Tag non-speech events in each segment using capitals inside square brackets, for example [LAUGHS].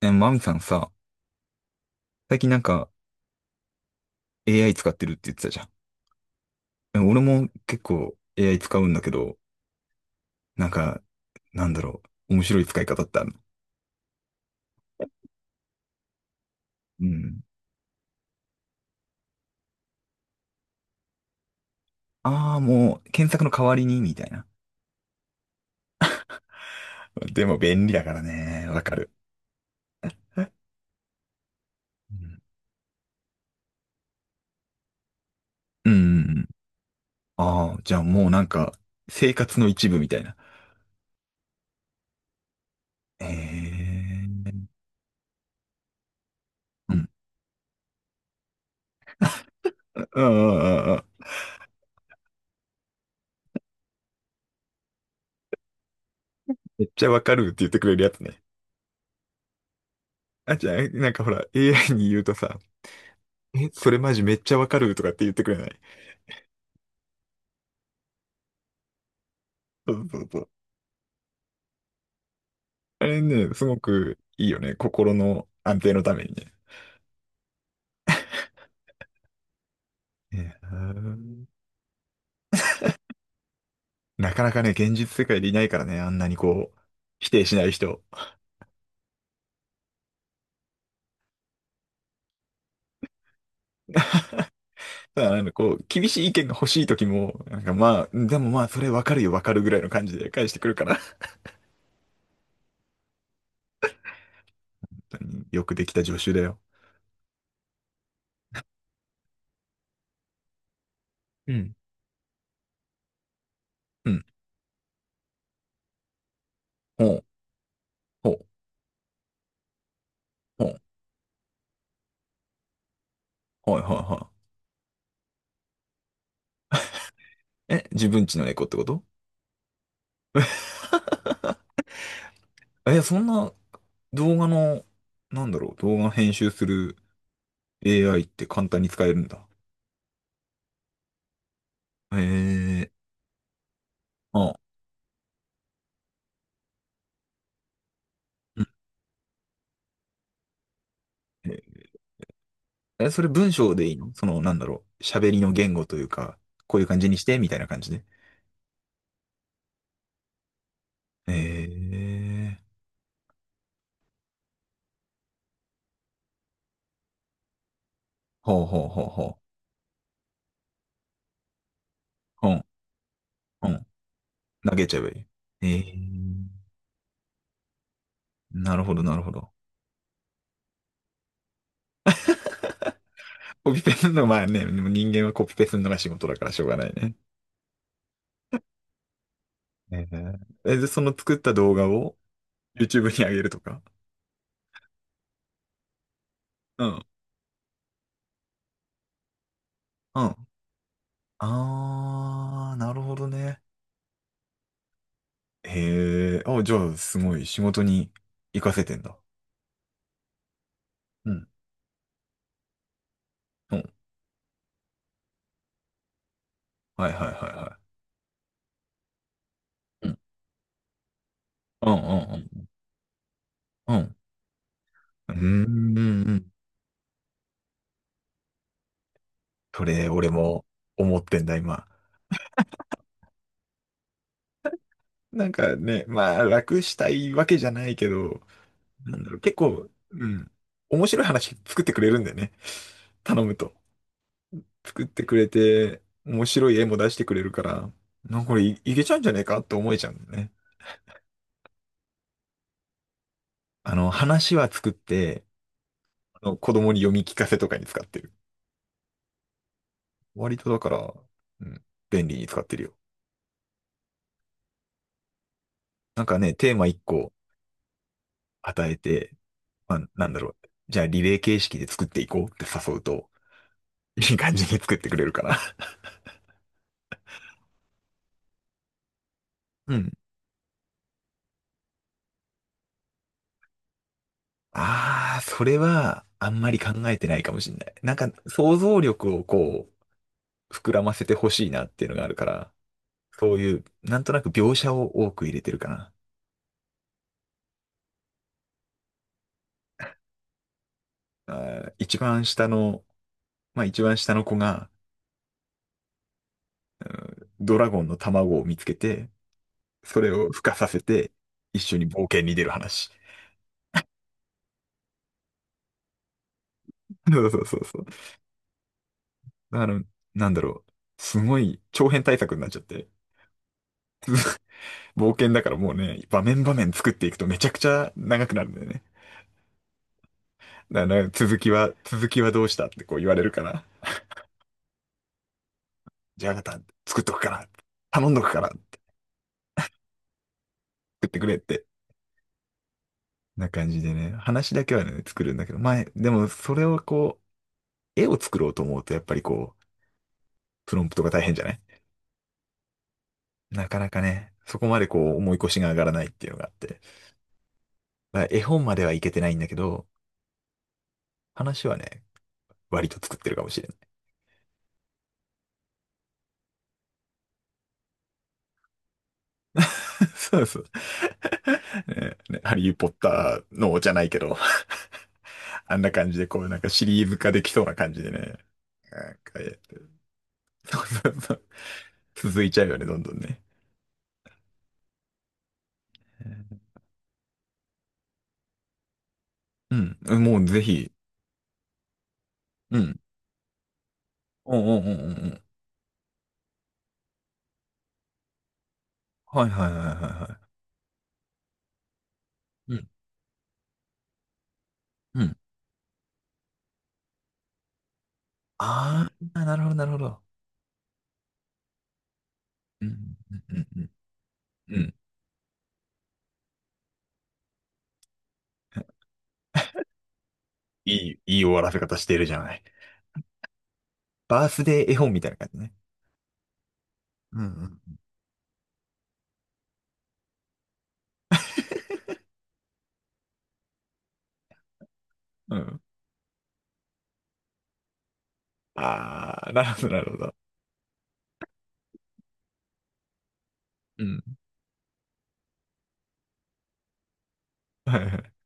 マミさんさ、最近なんか AI 使ってるって言ってたじゃん。え、俺も結構 AI 使うんだけど、なんか、なんだろう、面白い使い方ってあるの？うん。ああ、もう検索の代わりに、みたいな。でも便利だからね、わかる。うん。うんうんうん。ああ、じゃあもうなんか、生活の一部みたいな。ええ。うん。ああ、ああ、ああ、めっちゃわかるって言ってくれるやつね。あ、じゃあ、なんかほら、AI に言うとさ、それマジめっちゃわかるとかって言ってくれない？そうそうそう。あれね、すごくいいよね。心の安定のためにね。いやー、なかなかね、現実世界でいないからね、あんなにこう、否定しない人。ただ、なんかこう、厳しい意見が欲しい時も、なんかまあ、でもまあ、それわかるよ、わかるぐらいの感じで返してくるから。[LAUGHS] 本当によくできた助手だよ。うん。うん。ほう、ほう、ほう、はいはいはい。え、自分ちの猫ってこと？ [LAUGHS] え、そんな動画の、なんだろう、動画編集する AI って簡単に使えるんだ。ええ。あ、うん。え、それ文章でいいの？その、なんだろう。喋りの言語というか、こういう感じにして、みたいな感じで。ええ。ほうほうほうほう。うん、うん。投げちゃえばいい。ええ。なるほど、なるほど。[LAUGHS] コピペするのまあね、でも人間はコピペするのが仕事だからしょうがないね。ええ。え、で、その作った動画を YouTube に上げるとか。うん。うん。あー、なるほどね。へえ、あ、じゃあ、すごい、仕事に活かせてんだ。うん。うん。はいはいはいはい。うん。うんうんうん。うん。うんうんうん。それ、俺も思ってんだ、今。なんかね、まあ、楽したいわけじゃないけど、なんだろう、結構、うん、面白い話作ってくれるんだよね。頼むと。作ってくれて、面白い絵も出してくれるから、なんかこれいけちゃうんじゃねえかって思えちゃうんだよね。あの、話は作って、あの子供に読み聞かせとかに使ってる。割とだから、うん、便利に使ってるよ。なんかね、テーマ1個与えて、まあ、なんだろう、じゃあリレー形式で作っていこうって誘うと、いい感じに作ってくれるかな。うん。ああ、それは、あんまり考えてないかもしれない。なんか、想像力をこう、膨らませてほしいなっていうのがあるから、そういう、なんとなく描写を多く入れてるかな。あ一番下の、まあ一番下の子が、ドラゴンの卵を見つけて、それを孵化させて、一緒に冒険に出る話。[LAUGHS] そうそうそうそう。だから、なんだろう、すごい長編対策になっちゃって。冒険だからもうね、場面場面作っていくとめちゃくちゃ長くなるんだよね。だから続きはどうしたってこう言われるから。じゃあまた作っとくから。頼んどくから。作ってくれって。な感じでね。話だけはね、作るんだけど。前、でもそれをこう、絵を作ろうと思うとやっぱりこう、プロンプトが大変じゃない？なかなかね、そこまでこう、思い越しが上がらないっていうのがあって。まあ、絵本まではいけてないんだけど、話はね、割と作ってるかもしれない。[LAUGHS] そうそう。[LAUGHS] ね、ハリー・ポッターのじゃないけど。 [LAUGHS] あんな感じで、こう、なんかシリーズ化できそうな感じでね。なんかやってる。 [LAUGHS] そうそうそう。続いちゃうよね、どんどんね。うん。うん、もうぜひ。うん。うんうんうんうんうん。はいはいはいはいはい。うん。うん。ああ、なるほどなるほど。うんうんうんうん。うん。いい終わらせ方してるじゃない。バースデー絵本みたいな感じね。うんうん。うん。あー、なるほど、なるほど。うん。[LAUGHS] はいはい。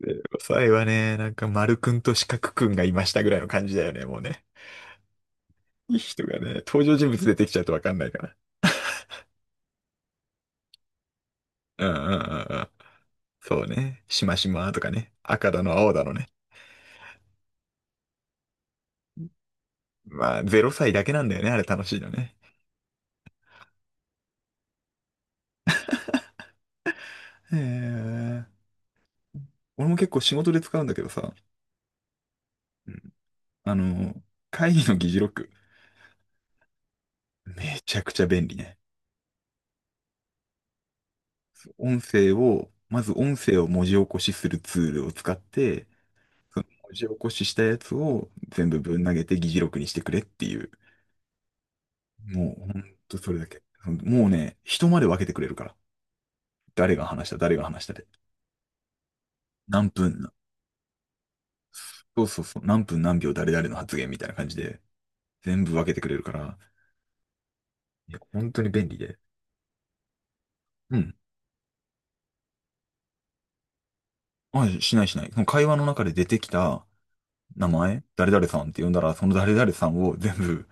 で、最後はね、なんか丸くんと四角くんがいましたぐらいの感じだよね、もうね。いい人がね、登場人物出てきちゃうとわかんないから。うんうんうんうん。そうね。しましまとかね。赤だの青だのね。まあ、0歳だけなんだよね、あれ楽しいのね。へえ。俺も結構仕事で使うんだけどさ。うん、あの、会議の議事録。めちゃくちゃ便利ね。音声を、まず音声を文字起こしするツールを使って、その文字起こししたやつを全部ぶん投げて議事録にしてくれっていう。もうほんとそれだけ。もうね、人まで分けてくれるから。誰が話した、誰が話したで。何分な、そうそうそう、何分何秒誰々の発言みたいな感じで、全部分けてくれるから、いや、本当に便利で。うん。あ、しないしない。その会話の中で出てきた名前、誰々さんって呼んだら、その誰々さんを全部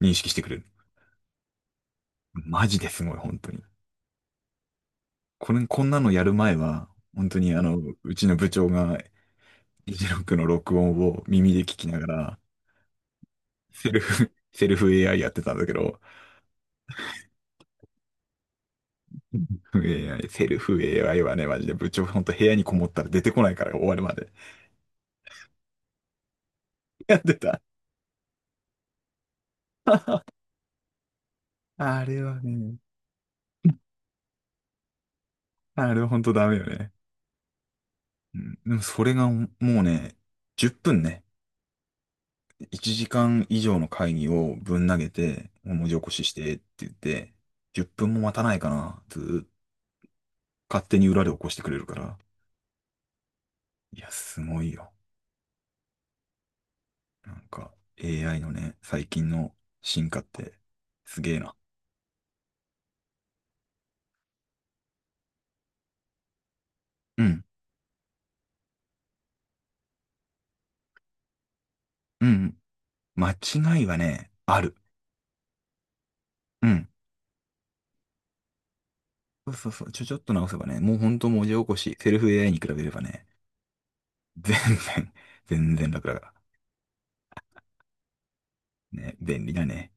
認識してくれる。マジですごい、本当に。こんなのやる前は、本当にうちの部長が、議事録の録音を耳で聞きながら、セルフ AI やってたんだけど、[LAUGHS] セルフ AI、セルフ AI はね、マジで部長、本当部屋にこもったら出てこないから終わるまでやってた。あれはね、あれは本当ダメよね。うん、でもそれがもうね、10分ね、1時間以上の会議をぶん投げて、文字起こししてって言って、10分も待たないかな、ずーっ勝手に裏で起こしてくれるから。いや、すごいよ。なんか、AI のね、最近の進化って、すげえな。うん、うん、うん。間違いはね、ある。うん。そうそうそう。ちょっと直せばね、もうほんと文字起こし、セルフ AI に比べればね、全然、全然楽だから。ね、便利だね。